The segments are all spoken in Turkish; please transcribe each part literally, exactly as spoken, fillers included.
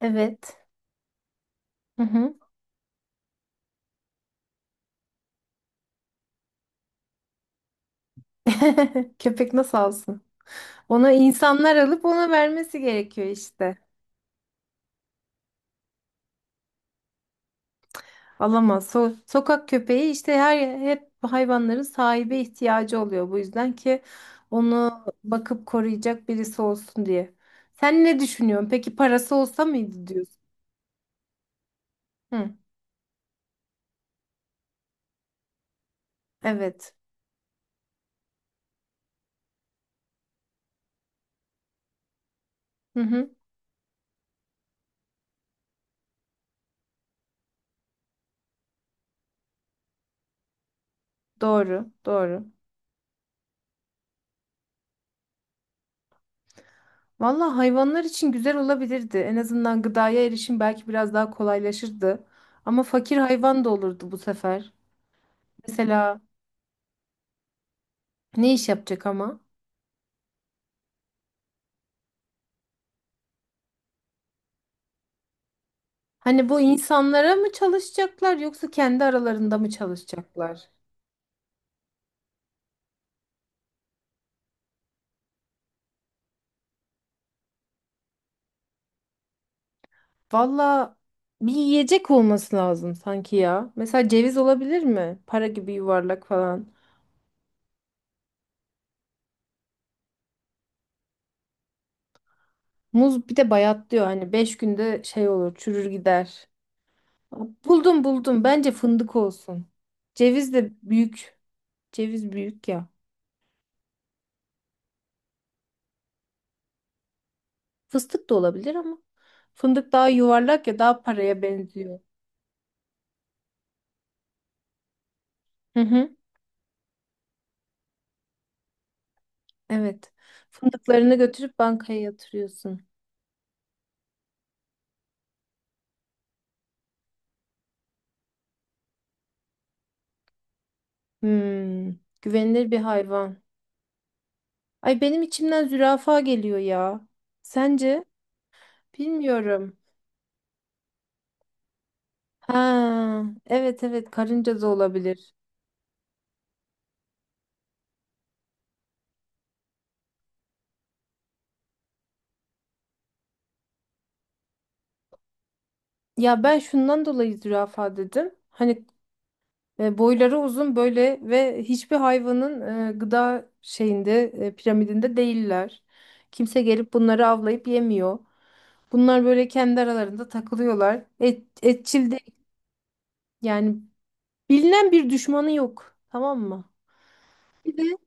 Evet. Hı hı. Köpek nasıl alsın? Ona insanlar alıp ona vermesi gerekiyor işte. Alamaz. So- sokak köpeği işte her hep hayvanların sahibi ihtiyacı oluyor. Bu yüzden ki onu bakıp koruyacak birisi olsun diye. Sen ne düşünüyorsun? Peki parası olsa mıydı diyorsun? Hı. Evet. Hı hı. Doğru. Doğru. Valla hayvanlar için güzel olabilirdi. En azından gıdaya erişim belki biraz daha kolaylaşırdı. Ama fakir hayvan da olurdu bu sefer. Mesela ne iş yapacak ama? Hani bu insanlara mı çalışacaklar yoksa kendi aralarında mı çalışacaklar? Valla bir yiyecek olması lazım sanki ya. Mesela ceviz olabilir mi? Para gibi yuvarlak falan. Muz bir de bayatlıyor hani beş günde şey olur, çürür gider. Buldum buldum, bence fındık olsun. Ceviz de büyük. Ceviz büyük ya. Fıstık da olabilir ama. Fındık daha yuvarlak ya, daha paraya benziyor. Hı hı. Evet. Fındıklarını götürüp bankaya yatırıyorsun. Hmm, güvenilir bir hayvan. Ay, benim içimden zürafa geliyor ya. Sence? Bilmiyorum. Ha, evet evet, karınca da olabilir. Ya ben şundan dolayı zürafa dedim. Hani e, boyları uzun böyle ve hiçbir hayvanın e, gıda şeyinde e, piramidinde değiller. Kimse gelip bunları avlayıp yemiyor. Bunlar böyle kendi aralarında takılıyorlar. Et, etçil değil. Yani bilinen bir düşmanı yok. Tamam mı? Bir de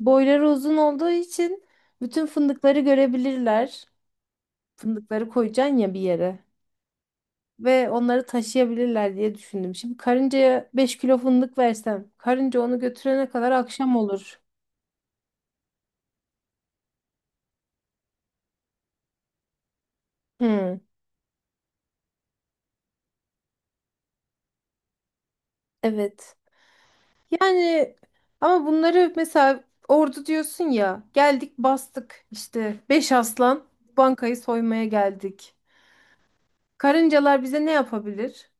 boyları uzun olduğu için bütün fındıkları görebilirler. Fındıkları koyacaksın ya bir yere. Ve onları taşıyabilirler diye düşündüm. Şimdi karıncaya beş kilo fındık versem, karınca onu götürene kadar akşam olur. Hmm, evet. Yani ama bunları mesela ordu diyorsun ya. Geldik bastık işte. Beş aslan bankayı soymaya geldik. Karıncalar bize ne yapabilir?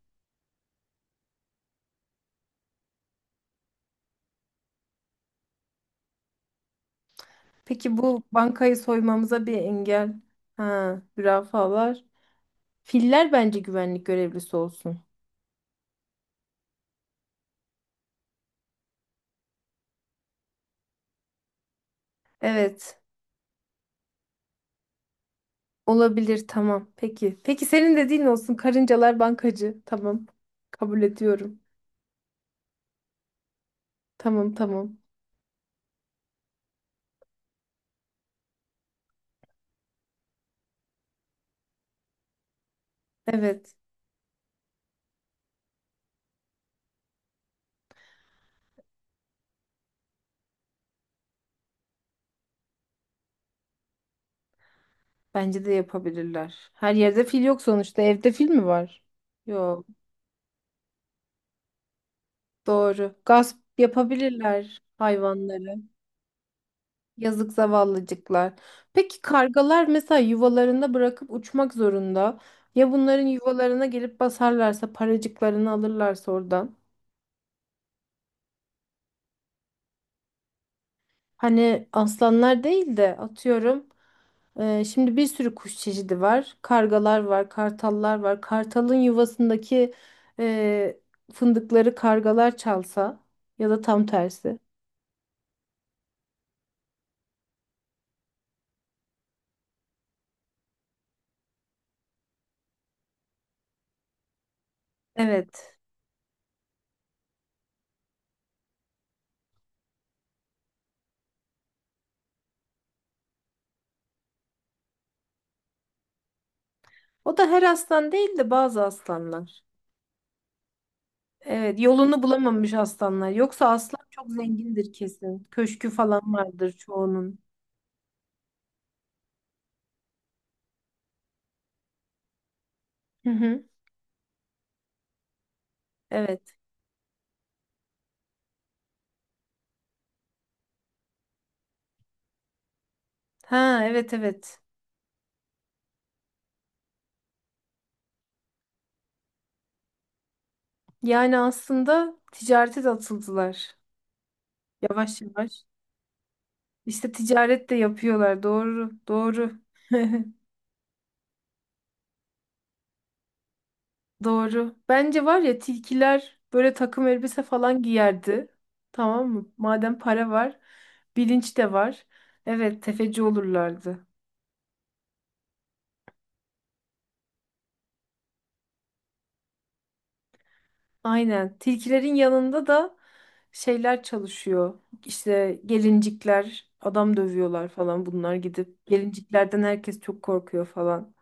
Peki bu bankayı soymamıza bir engel. Ha, zürafalar. Filler bence güvenlik görevlisi olsun. Evet. Olabilir, tamam. Peki. Peki, senin dediğin olsun. Karıncalar bankacı. Tamam. Kabul ediyorum. Tamam, tamam. Evet. Bence de yapabilirler. Her yerde fil yok sonuçta. Evde fil mi var? Yok. Doğru. Gasp yapabilirler hayvanları. Yazık zavallıcıklar. Peki kargalar mesela yuvalarında bırakıp uçmak zorunda. Ya bunların yuvalarına gelip basarlarsa, paracıklarını alırlarsa oradan. Hani aslanlar değil de atıyorum. E, şimdi bir sürü kuş çeşidi var. Kargalar var, kartallar var. Kartalın yuvasındaki e, fındıkları kargalar çalsa, ya da tam tersi. Evet. O da her aslan değil de bazı aslanlar. Evet, yolunu bulamamış aslanlar. Yoksa aslan çok zengindir kesin. Köşkü falan vardır çoğunun. Hı hı. Evet. Ha, evet evet. Yani aslında ticarete de atıldılar. Yavaş yavaş. İşte ticaret de yapıyorlar. Doğru, doğru. Doğru. Bence var ya, tilkiler böyle takım elbise falan giyerdi. Tamam mı? Madem para var, bilinç de var. Evet, tefeci olurlardı. Aynen. Tilkilerin yanında da şeyler çalışıyor. İşte gelincikler, adam dövüyorlar falan bunlar gidip. Gelinciklerden herkes çok korkuyor falan.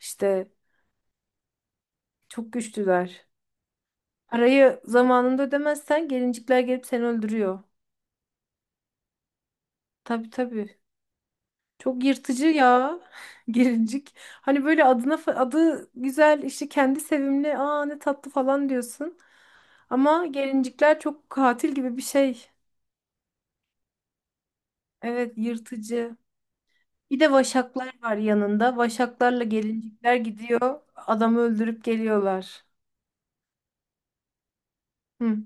İşte çok güçlüler. Parayı zamanında ödemezsen gelincikler gelip seni öldürüyor. Tabii tabii. Çok yırtıcı ya. Gelincik. Hani böyle adına fa- adı güzel, işte kendi sevimli. Aa, ne tatlı falan diyorsun. Ama gelincikler çok katil gibi bir şey. Evet, yırtıcı. Bir de vaşaklar var yanında. Vaşaklarla gelincikler gidiyor. Adamı öldürüp geliyorlar. Hı,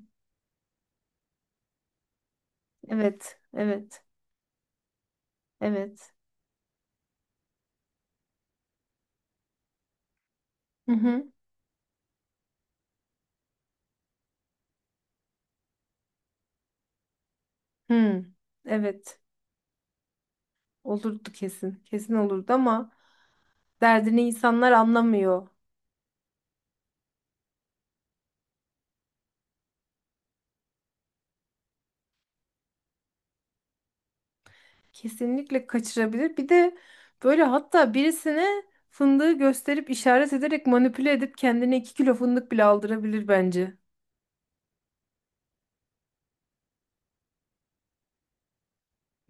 evet, evet, evet. Hı hı, hı. Evet. Olurdu kesin. Kesin olurdu ama derdini insanlar anlamıyor. Kesinlikle kaçırabilir. Bir de böyle hatta birisine fındığı gösterip işaret ederek manipüle edip kendine iki kilo fındık bile aldırabilir bence.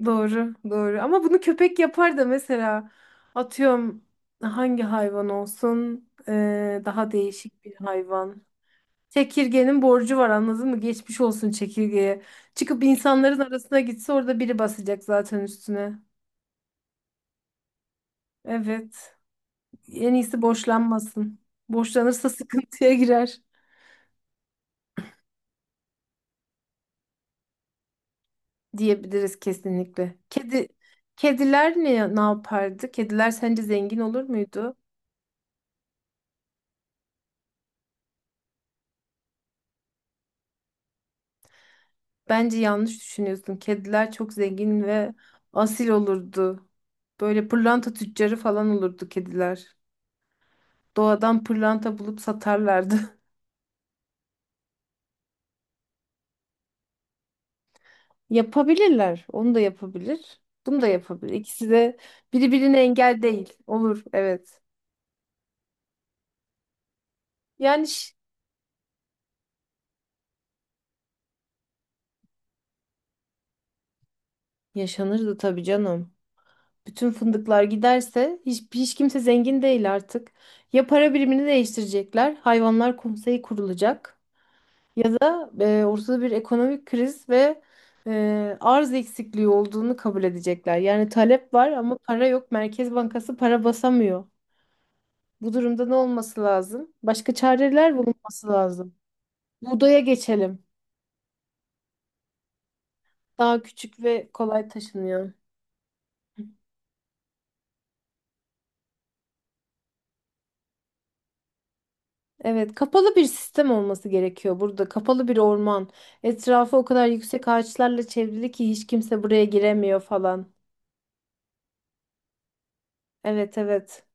Doğru, doğru. Ama bunu köpek yapar da mesela atıyorum hangi hayvan olsun? Ee, daha değişik bir hayvan. Çekirgenin borcu var, anladın mı? Geçmiş olsun çekirgeye. Çıkıp insanların arasına gitse, orada biri basacak zaten üstüne. Evet. En iyisi borçlanmasın. Borçlanırsa sıkıntıya girer diyebiliriz kesinlikle. Kedi, kediler ne, ne yapardı? Kediler sence zengin olur muydu? Bence yanlış düşünüyorsun. Kediler çok zengin ve asil olurdu. Böyle pırlanta tüccarı falan olurdu kediler. Doğadan pırlanta bulup satarlardı. Yapabilirler. Onu da yapabilir, bunu da yapabilir. İkisi de birbirine engel değil. Olur, evet. Yani ş- Yaşanırdı tabii canım. Bütün fındıklar giderse hiç, hiç kimse zengin değil artık. Ya para birimini değiştirecekler, hayvanlar konseyi kurulacak. Ya da e, ortada bir ekonomik kriz ve e, arz eksikliği olduğunu kabul edecekler. Yani talep var ama para yok. Merkez Bankası para basamıyor. Bu durumda ne olması lazım? Başka çareler bulunması lazım. Buğdaya geçelim. Daha küçük ve kolay taşınıyor. Evet, kapalı bir sistem olması gerekiyor burada. Kapalı bir orman. Etrafı o kadar yüksek ağaçlarla çevrili ki hiç kimse buraya giremiyor falan. Evet, evet.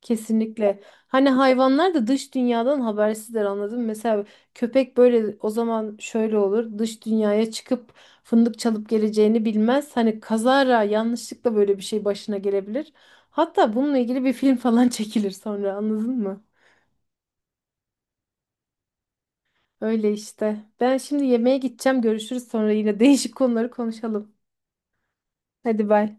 Kesinlikle. Hani hayvanlar da dış dünyadan habersizler, anladın mı? Mesela köpek böyle, o zaman şöyle olur. Dış dünyaya çıkıp fındık çalıp geleceğini bilmez. Hani kazara yanlışlıkla böyle bir şey başına gelebilir. Hatta bununla ilgili bir film falan çekilir sonra, anladın mı? Öyle işte. Ben şimdi yemeğe gideceğim. Görüşürüz, sonra yine değişik konuları konuşalım. Hadi bay.